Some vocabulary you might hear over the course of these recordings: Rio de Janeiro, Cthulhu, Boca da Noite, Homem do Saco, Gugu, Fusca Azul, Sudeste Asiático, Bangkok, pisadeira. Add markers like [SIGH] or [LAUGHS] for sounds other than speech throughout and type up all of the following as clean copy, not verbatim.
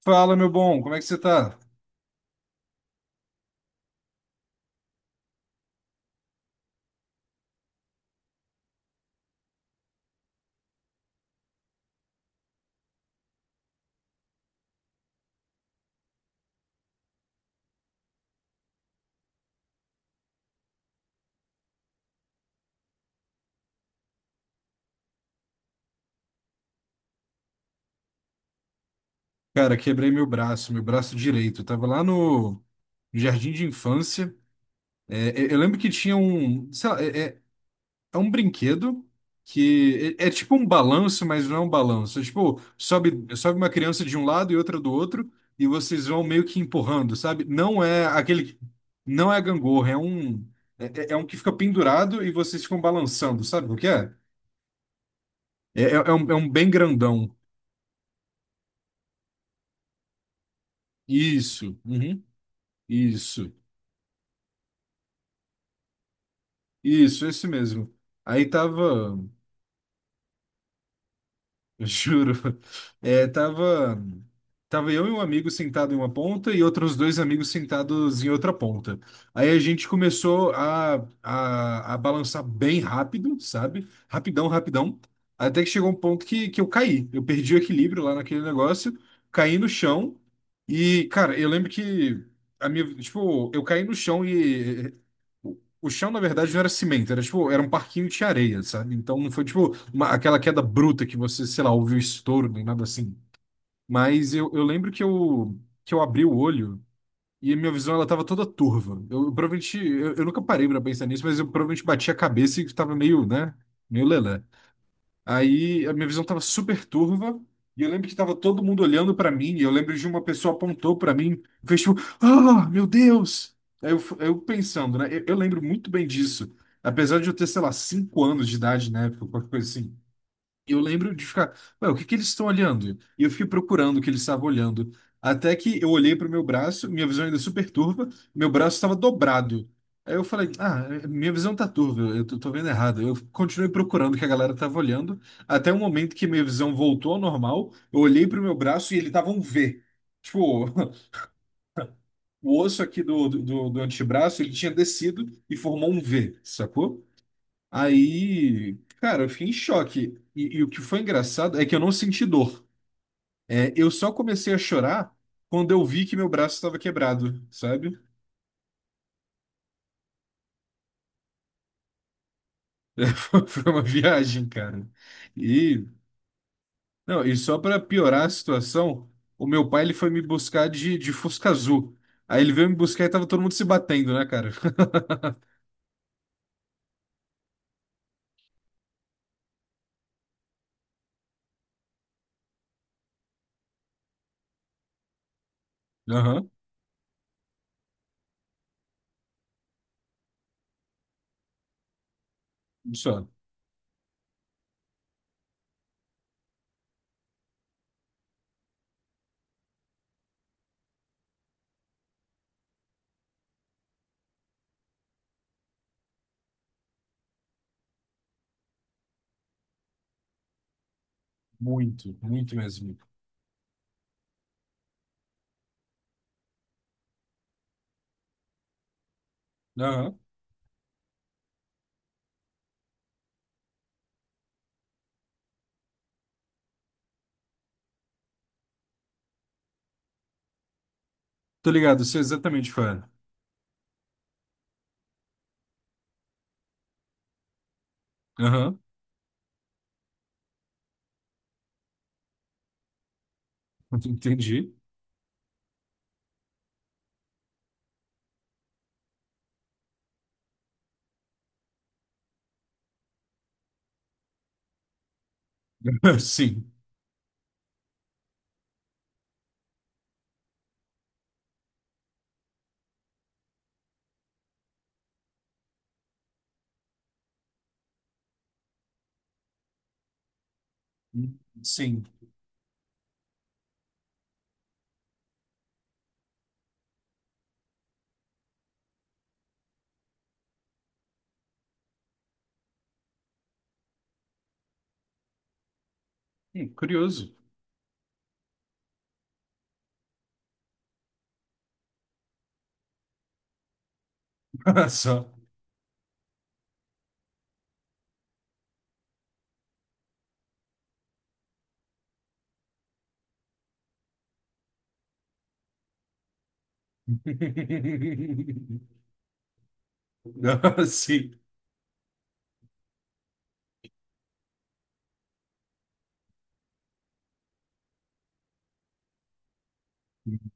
Fala, meu bom, como é que você tá? Cara, quebrei meu braço direito. Eu tava lá no jardim de infância. Eu lembro que tinha um, sei lá, é um brinquedo que é tipo um balanço, mas não é um balanço. É tipo, sobe uma criança de um lado e outra do outro, e vocês vão meio que empurrando, sabe? Não é aquele, não é gangorra, é um que fica pendurado e vocês ficam balançando, sabe o que é? É um bem grandão. Isso, uhum, isso. Isso, esse mesmo. Aí tava. [LAUGHS] Juro. Tava, tava eu e um amigo sentado em uma ponta e outros dois amigos sentados em outra ponta. Aí a gente começou a balançar bem rápido, sabe? Rapidão, rapidão. Até que chegou um ponto que eu caí. Eu perdi o equilíbrio lá naquele negócio, caí no chão. E, cara, eu lembro que a minha, tipo, eu caí no chão e o chão, na verdade, não era cimento, era tipo, era um parquinho de areia, sabe? Então não foi tipo aquela queda bruta que você, sei lá, ouviu estouro, nem nada assim. Eu lembro que eu abri o olho e a minha visão ela tava toda turva. Eu provavelmente, eu nunca parei pra pensar nisso, mas eu provavelmente bati a cabeça e tava meio, né, meio lelé. Aí a minha visão tava super turva e eu lembro que tava todo mundo olhando pra mim e eu lembro de uma pessoa apontou pra mim, fez tipo, ah, meu Deus! Eu pensando, né, eu lembro muito bem disso. Apesar de eu ter, sei lá, cinco anos de idade na época, qualquer coisa assim eu lembro de ficar, ué, o que que eles estão olhando? E eu fiquei procurando o que eles estavam olhando. Até que eu olhei para o meu braço, minha visão ainda é super turva, meu braço estava dobrado. Aí eu falei, ah, minha visão tá turva, tô vendo errado. Eu continuei procurando o que a galera tava olhando, até o momento que minha visão voltou ao normal, eu olhei para o meu braço e ele tava um V. Tipo, [LAUGHS] o osso aqui do do antebraço, ele tinha descido e formou um V, sacou? Aí, cara, eu fiquei em choque. E o que foi engraçado é que eu não senti dor. É, eu só comecei a chorar quando eu vi que meu braço estava quebrado, sabe? [LAUGHS] Foi uma viagem, cara. E, não, e só para piorar a situação, o meu pai ele foi me buscar de Fusca Azul. Aí ele veio me buscar e tava todo mundo se batendo, né, cara? [LAUGHS] Aham, só. Muito, muito mesmo. Aham. Tô ligado, sei exatamente qual é. Aham, [LAUGHS] entendi. [LAUGHS] Sim. Sim. Curioso. [LAUGHS] Só. [LAUGHS] Sim,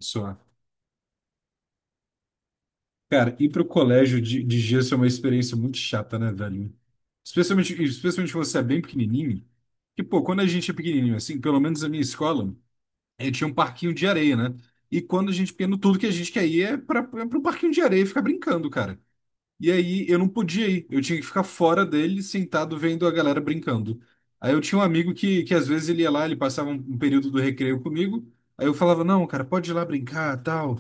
só. Cara, ir pro colégio de gesso é uma experiência muito chata, né, velho? Especialmente, especialmente quando você é bem pequenininho. Que, pô, quando a gente é pequenininho, assim, pelo menos na minha escola, eh, tinha um parquinho de areia, né? E quando a gente é pequeno, tudo que a gente quer ir é é pro parquinho de areia e ficar brincando, cara. E aí eu não podia ir, eu tinha que ficar fora dele, sentado vendo a galera brincando. Aí eu tinha um amigo que às vezes ele ia lá, ele passava um período do recreio comigo, aí eu falava, não, cara, pode ir lá brincar, tal.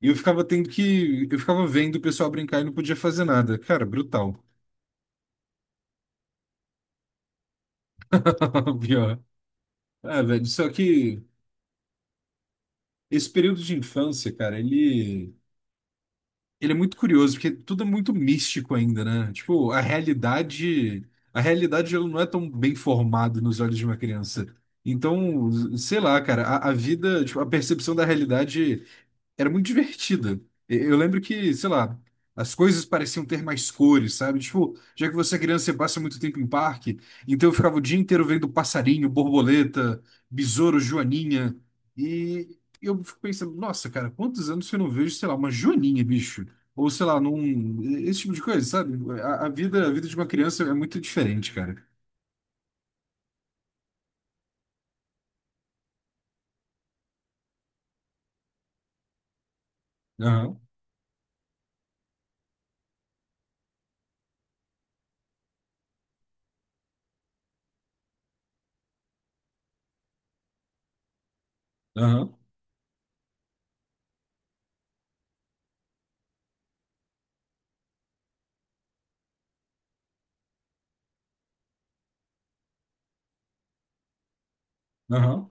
E eu ficava tendo que, eu ficava vendo o pessoal brincar e não podia fazer nada. Cara, brutal. [LAUGHS] Pior. Ah, velho, só que esse período de infância, cara, ele é muito curioso, porque tudo é muito místico ainda, né? Tipo, a realidade ela não é tão bem formada nos olhos de uma criança. Então, sei lá, cara, a vida, tipo, a percepção da realidade era muito divertida. E- eu lembro que, sei lá, as coisas pareciam ter mais cores, sabe? Tipo, já que você é criança, você passa muito tempo em parque, então eu ficava o dia inteiro vendo passarinho, borboleta, besouro, joaninha, e eu fico pensando, nossa, cara, quantos anos que eu não vejo, sei lá, uma joaninha, bicho? Ou sei lá, num... esse tipo de coisa, sabe? A vida de uma criança é muito diferente, cara. Aham, aham, aham.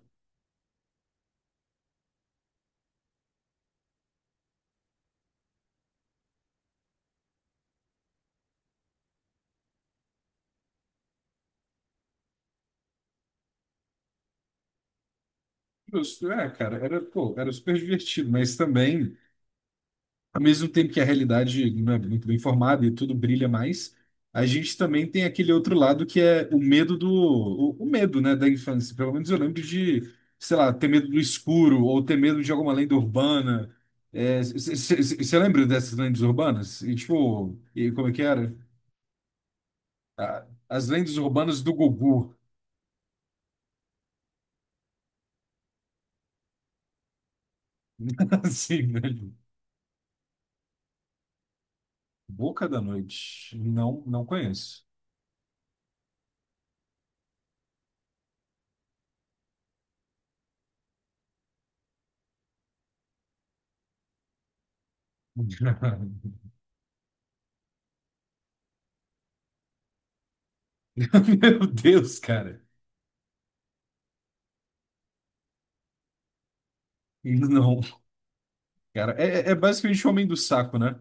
Justo. É, cara, era, pô, era super divertido, mas também, ao mesmo tempo que a realidade não é muito bem formada e tudo brilha mais, a gente também tem aquele outro lado que é o medo do, o medo, né, da infância. Pelo menos eu lembro de, sei lá, ter medo do escuro ou ter medo de alguma lenda urbana. É, você lembra dessas lendas urbanas? E, tipo, e como é que era? Ah, as lendas urbanas do Gugu. [LAUGHS] Assim, velho. Boca da Noite. Não, não conheço. [LAUGHS] Meu Deus, cara. Não. Cara, é, é é basicamente Homem do Saco, né?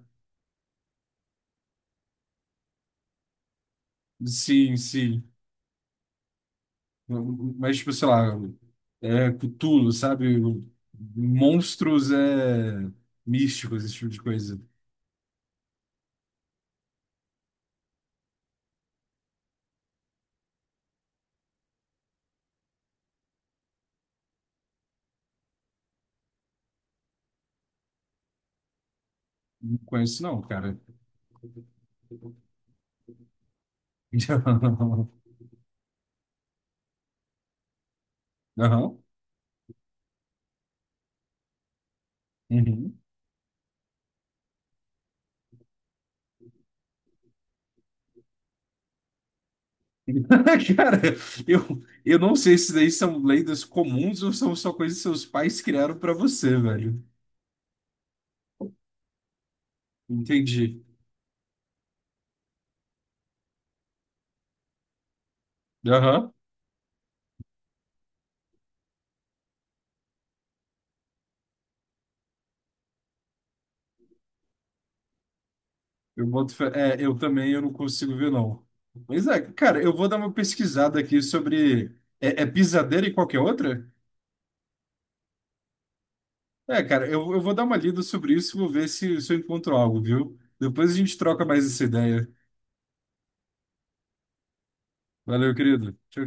Sim, sim. Mas, tipo, sei lá, é Cthulhu, sabe? Monstros é, místicos, esse tipo de coisa. Não conheço, não, cara. [LAUGHS] Não. Não. Uhum. [LAUGHS] Cara, eu, eu não sei se daí são lendas comuns ou são só coisas que seus pais criaram pra você, velho. Entendi. Eu boto fé. É, eu também eu não consigo ver, não. Mas é, cara, eu vou dar uma pesquisada aqui sobre. É, é pisadeira e qualquer outra? É, cara, eu vou dar uma lida sobre isso e vou ver se, se eu encontro algo, viu? Depois a gente troca mais essa ideia. Valeu, querido. Tchau, tchau.